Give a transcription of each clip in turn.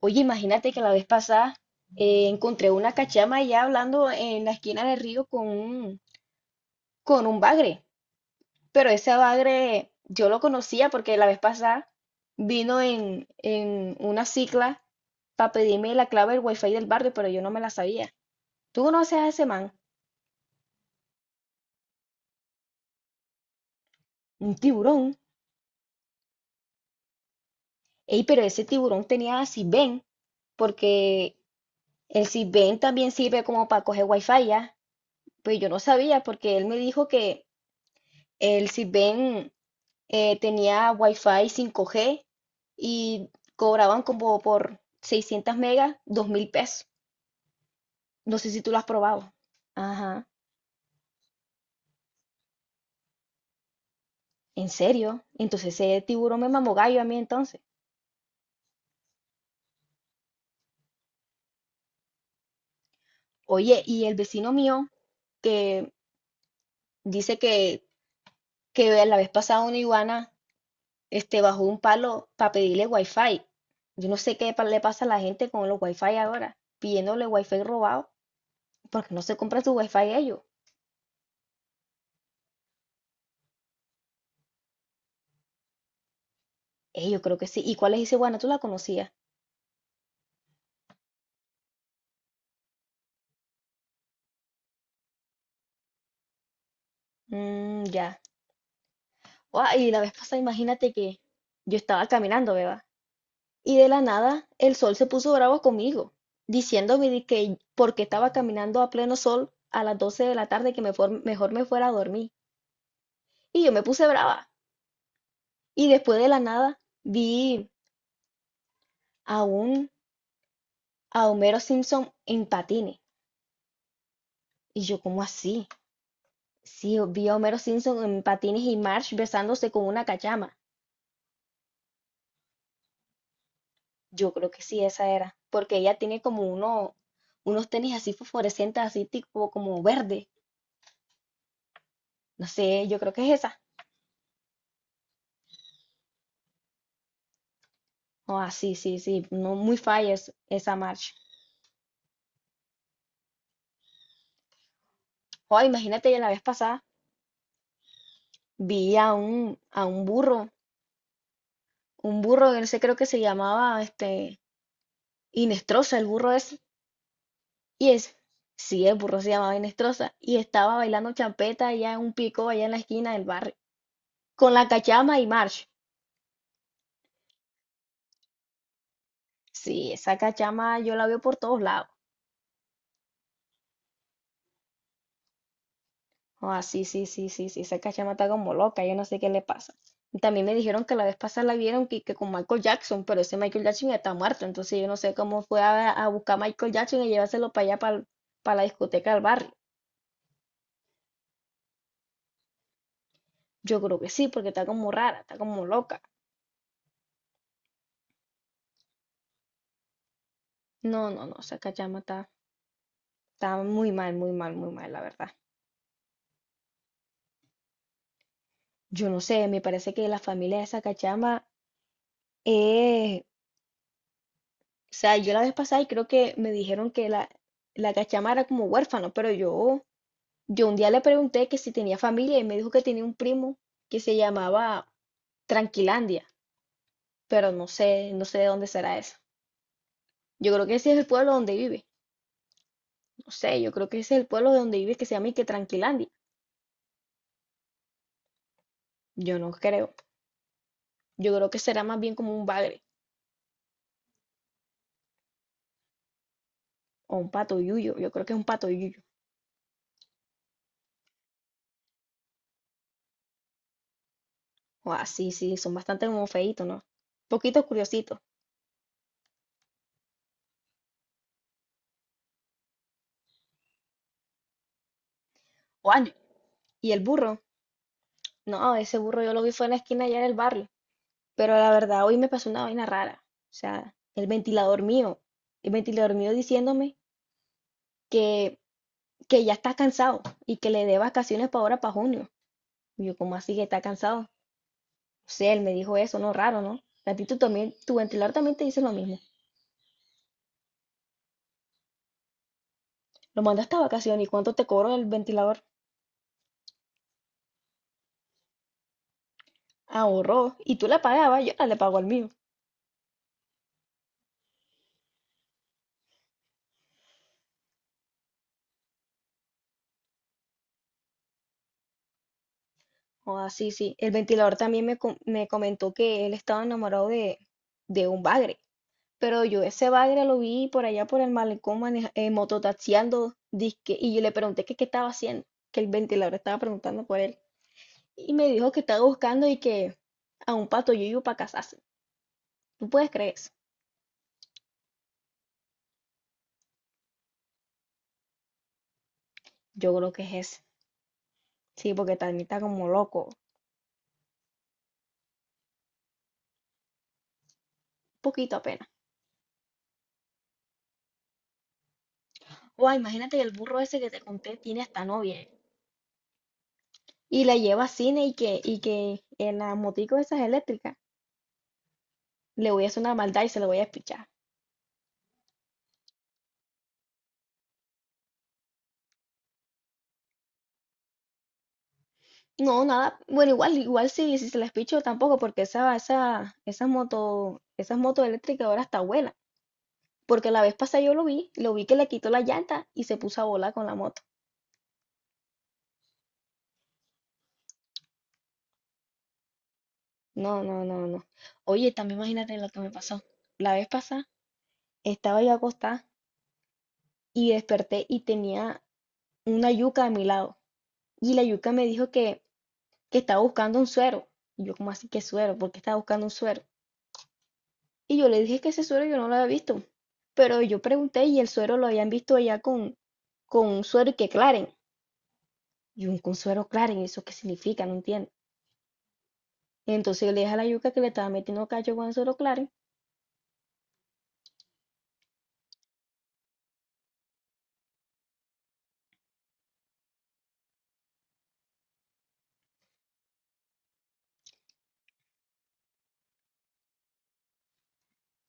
Oye, imagínate que la vez pasada encontré una cachama allá hablando en la esquina del río con un bagre. Pero ese bagre yo lo conocía porque la vez pasada vino en una cicla para pedirme la clave del wifi del barrio, pero yo no me la sabía. ¿Tú conoces a ese man? Un tiburón. Ey, pero ese tiburón tenía Sisbén, porque el Sisbén también sirve como para coger wifi ya. Pues yo no sabía porque él me dijo que el Sisbén tenía Wi-Fi 5G y cobraban como por 600 megas, 2 mil pesos. No sé si tú lo has probado. Ajá, ¿en serio? Entonces ese tiburón me mamó gallo a mí entonces. Oye, y el vecino mío que dice que la vez pasada una iguana bajó un palo para pedirle wifi. Yo no sé qué le pasa a la gente con los wifi ahora, pidiéndole wifi robado, porque no se compra su wifi ellos. Yo creo que sí. ¿Y cuál es ese iguana? ¿Tú la conocías? Mm, ya. Guau, y la vez pasada, imagínate que yo estaba caminando, ¿verdad? Y de la nada el sol se puso bravo conmigo, diciéndome de que porque estaba caminando a pleno sol a las 12 de la tarde que me mejor me fuera a dormir. Y yo me puse brava. Y después de la nada vi a un a Homero Simpson en patines. Y yo, ¿cómo así? Sí, vi a Homero Simpson en patines y Marge besándose con una cachama. Yo creo que sí, esa era, porque ella tiene unos tenis así fosforescentes, así tipo como verde. No sé, yo creo que es esa. Ah, sí, sí, sí, no muy falla esa marcha. Oh, imagínate, yo la vez pasada vi a un burro que no sé, creo que se llamaba Inestrosa, el burro ese. Y es, sí, el burro se llamaba Inestrosa. Y estaba bailando champeta allá en un pico, allá en la esquina del barrio, con la cachama y march. Sí, esa cachama yo la veo por todos lados. Oh, ah, sí, sí, sí, sí, sí, esa cachama está como loca, yo no sé qué le pasa. Y también me dijeron que la vez pasada la vieron que con Michael Jackson, pero ese Michael Jackson ya está muerto, entonces yo no sé cómo fue a buscar a Michael Jackson y llevárselo para allá, para la discoteca del barrio. Yo creo que sí, porque está como rara, está como loca. No, no, no, esa cachama está muy mal, muy mal, muy mal, la verdad. Yo no sé, me parece que la familia de esa cachama es... O sea, yo la vez pasada y creo que me dijeron que la cachama era como huérfano, pero yo... Yo un día le pregunté que si tenía familia y me dijo que tenía un primo que se llamaba Tranquilandia, pero no sé, no sé de dónde será eso. Yo creo que ese es el pueblo donde vive. No sé, yo creo que ese es el pueblo de donde vive que se llama y que Tranquilandia. Yo no creo. Yo creo que será más bien como un bagre o un pato yuyo. Yo creo que es un pato yuyo. O así, sí, son bastante como feitos, ¿no? Poquitos curiositos. O año. Y el burro. No, ese burro yo lo vi fue en la esquina allá en el barrio. Pero la verdad, hoy me pasó una vaina rara. O sea, el ventilador mío diciéndome que, que ya está cansado y que le dé vacaciones para ahora, para junio. Y yo, ¿cómo así que está cansado? O sea, él me dijo eso, no, raro, ¿no? A ti tú también, tu ventilador también te dice lo mismo. Lo mandaste a vacaciones y cuánto te cobró el ventilador. Ahorró. Y tú la pagabas, yo la le pago al mío. Ah, sí, sí. El ventilador también me comentó que él estaba enamorado de un bagre. Pero yo ese bagre lo vi por allá por el malecón mototaxiando, disque, y yo le pregunté que qué estaba haciendo, que el ventilador estaba preguntando por él. Y me dijo que estaba buscando y que a un pato yuyu para casarse. ¿Tú puedes creer eso? Yo creo que es ese. Sí, porque también está como loco. Poquito apenas. O imagínate que el burro ese que te conté tiene hasta novia. Y la lleva a cine y que en las moticos esas eléctricas le voy a hacer una maldad y se lo voy a espichar. No, nada. Bueno, igual, igual si se les picho tampoco, porque esa moto, esas motos eléctricas ahora está buena. Porque la vez pasada yo lo vi que le quitó la llanta y se puso a volar con la moto. No, no, no, no. Oye, también imagínate lo que me pasó. La vez pasada estaba yo acostada y desperté y tenía una yuca a mi lado. Y la yuca me dijo que estaba buscando un suero. Y yo, como así que suero? ¿Por qué estaba buscando un suero? Y yo le dije que ese suero yo no lo había visto. Pero yo pregunté y el suero lo habían visto allá con un suero y que claren. Y un con suero claren, ¿eso qué significa? No entiendo. Entonces yo le dije a la yuca que le estaba metiendo cacho con el suero claren.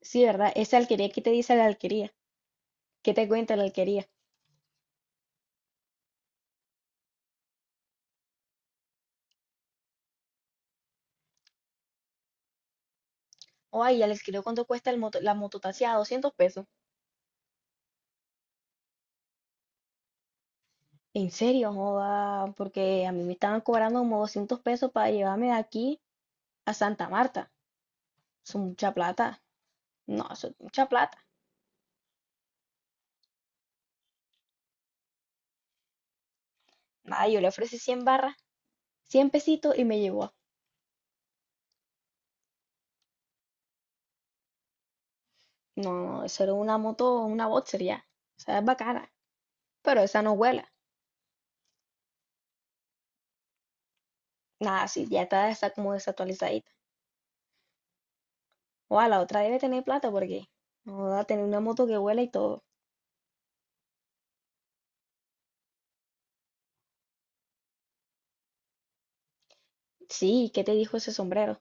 Sí, ¿verdad? Esa alquería, ¿qué te dice la alquería? ¿Qué te cuenta la alquería? O ay, ya les creo cuánto cuesta el moto, la mototaxia, 200 pesos. En serio, joda, porque a mí me estaban cobrando como 200 pesos para llevarme de aquí a Santa Marta. Son mucha plata. No, eso es mucha plata. Nada, yo le ofrecí 100 barras. 100 pesitos y me llevó. No, no, eso era una moto, una boxer ya. O sea, es bacana, pero esa no vuela. Nada, sí, ya está esa como desactualizadita. O la otra debe tener plata porque no va a tener una moto que vuela y todo. Sí, ¿qué te dijo ese sombrero?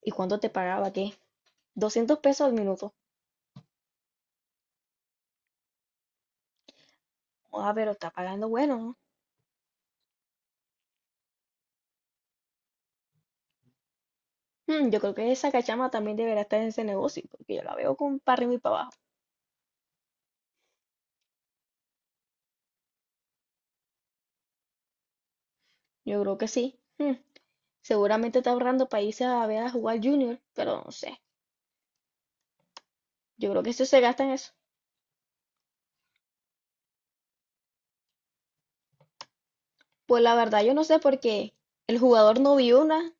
¿Y cuánto te pagaba? ¿Qué? 200 pesos al minuto. Ah, pero está pagando bueno, ¿no? Hmm, yo creo que esa cachama también deberá estar en ese negocio, porque yo la veo con para arriba y para abajo. Yo creo que sí. Hmm, seguramente está ahorrando para irse a ver a jugar Junior, pero no sé. Yo creo que eso se gasta en eso. Pues la verdad yo no sé porque el jugador no vio una,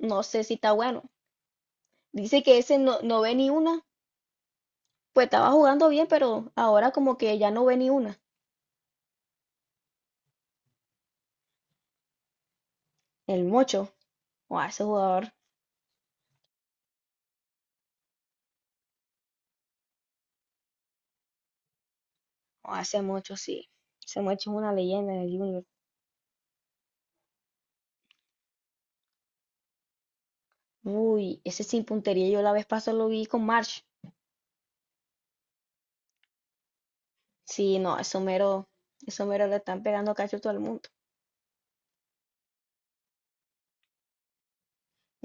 no sé si está bueno. Dice que ese no, no ve ni una, pues estaba jugando bien, pero ahora como que ya no ve ni una. El Mocho, o ese jugador, o ese Mocho sí, ese Mocho es una leyenda en el Junior. Uy, ese sin puntería yo la vez pasada lo vi con March. Sí, no, eso mero le están pegando cacho a todo el mundo.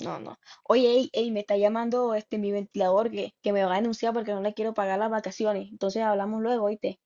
No, no. Oye, ey, ey, me está llamando este mi ventilador que me va a denunciar porque no le quiero pagar las vacaciones. Entonces hablamos luego, ¿oíste?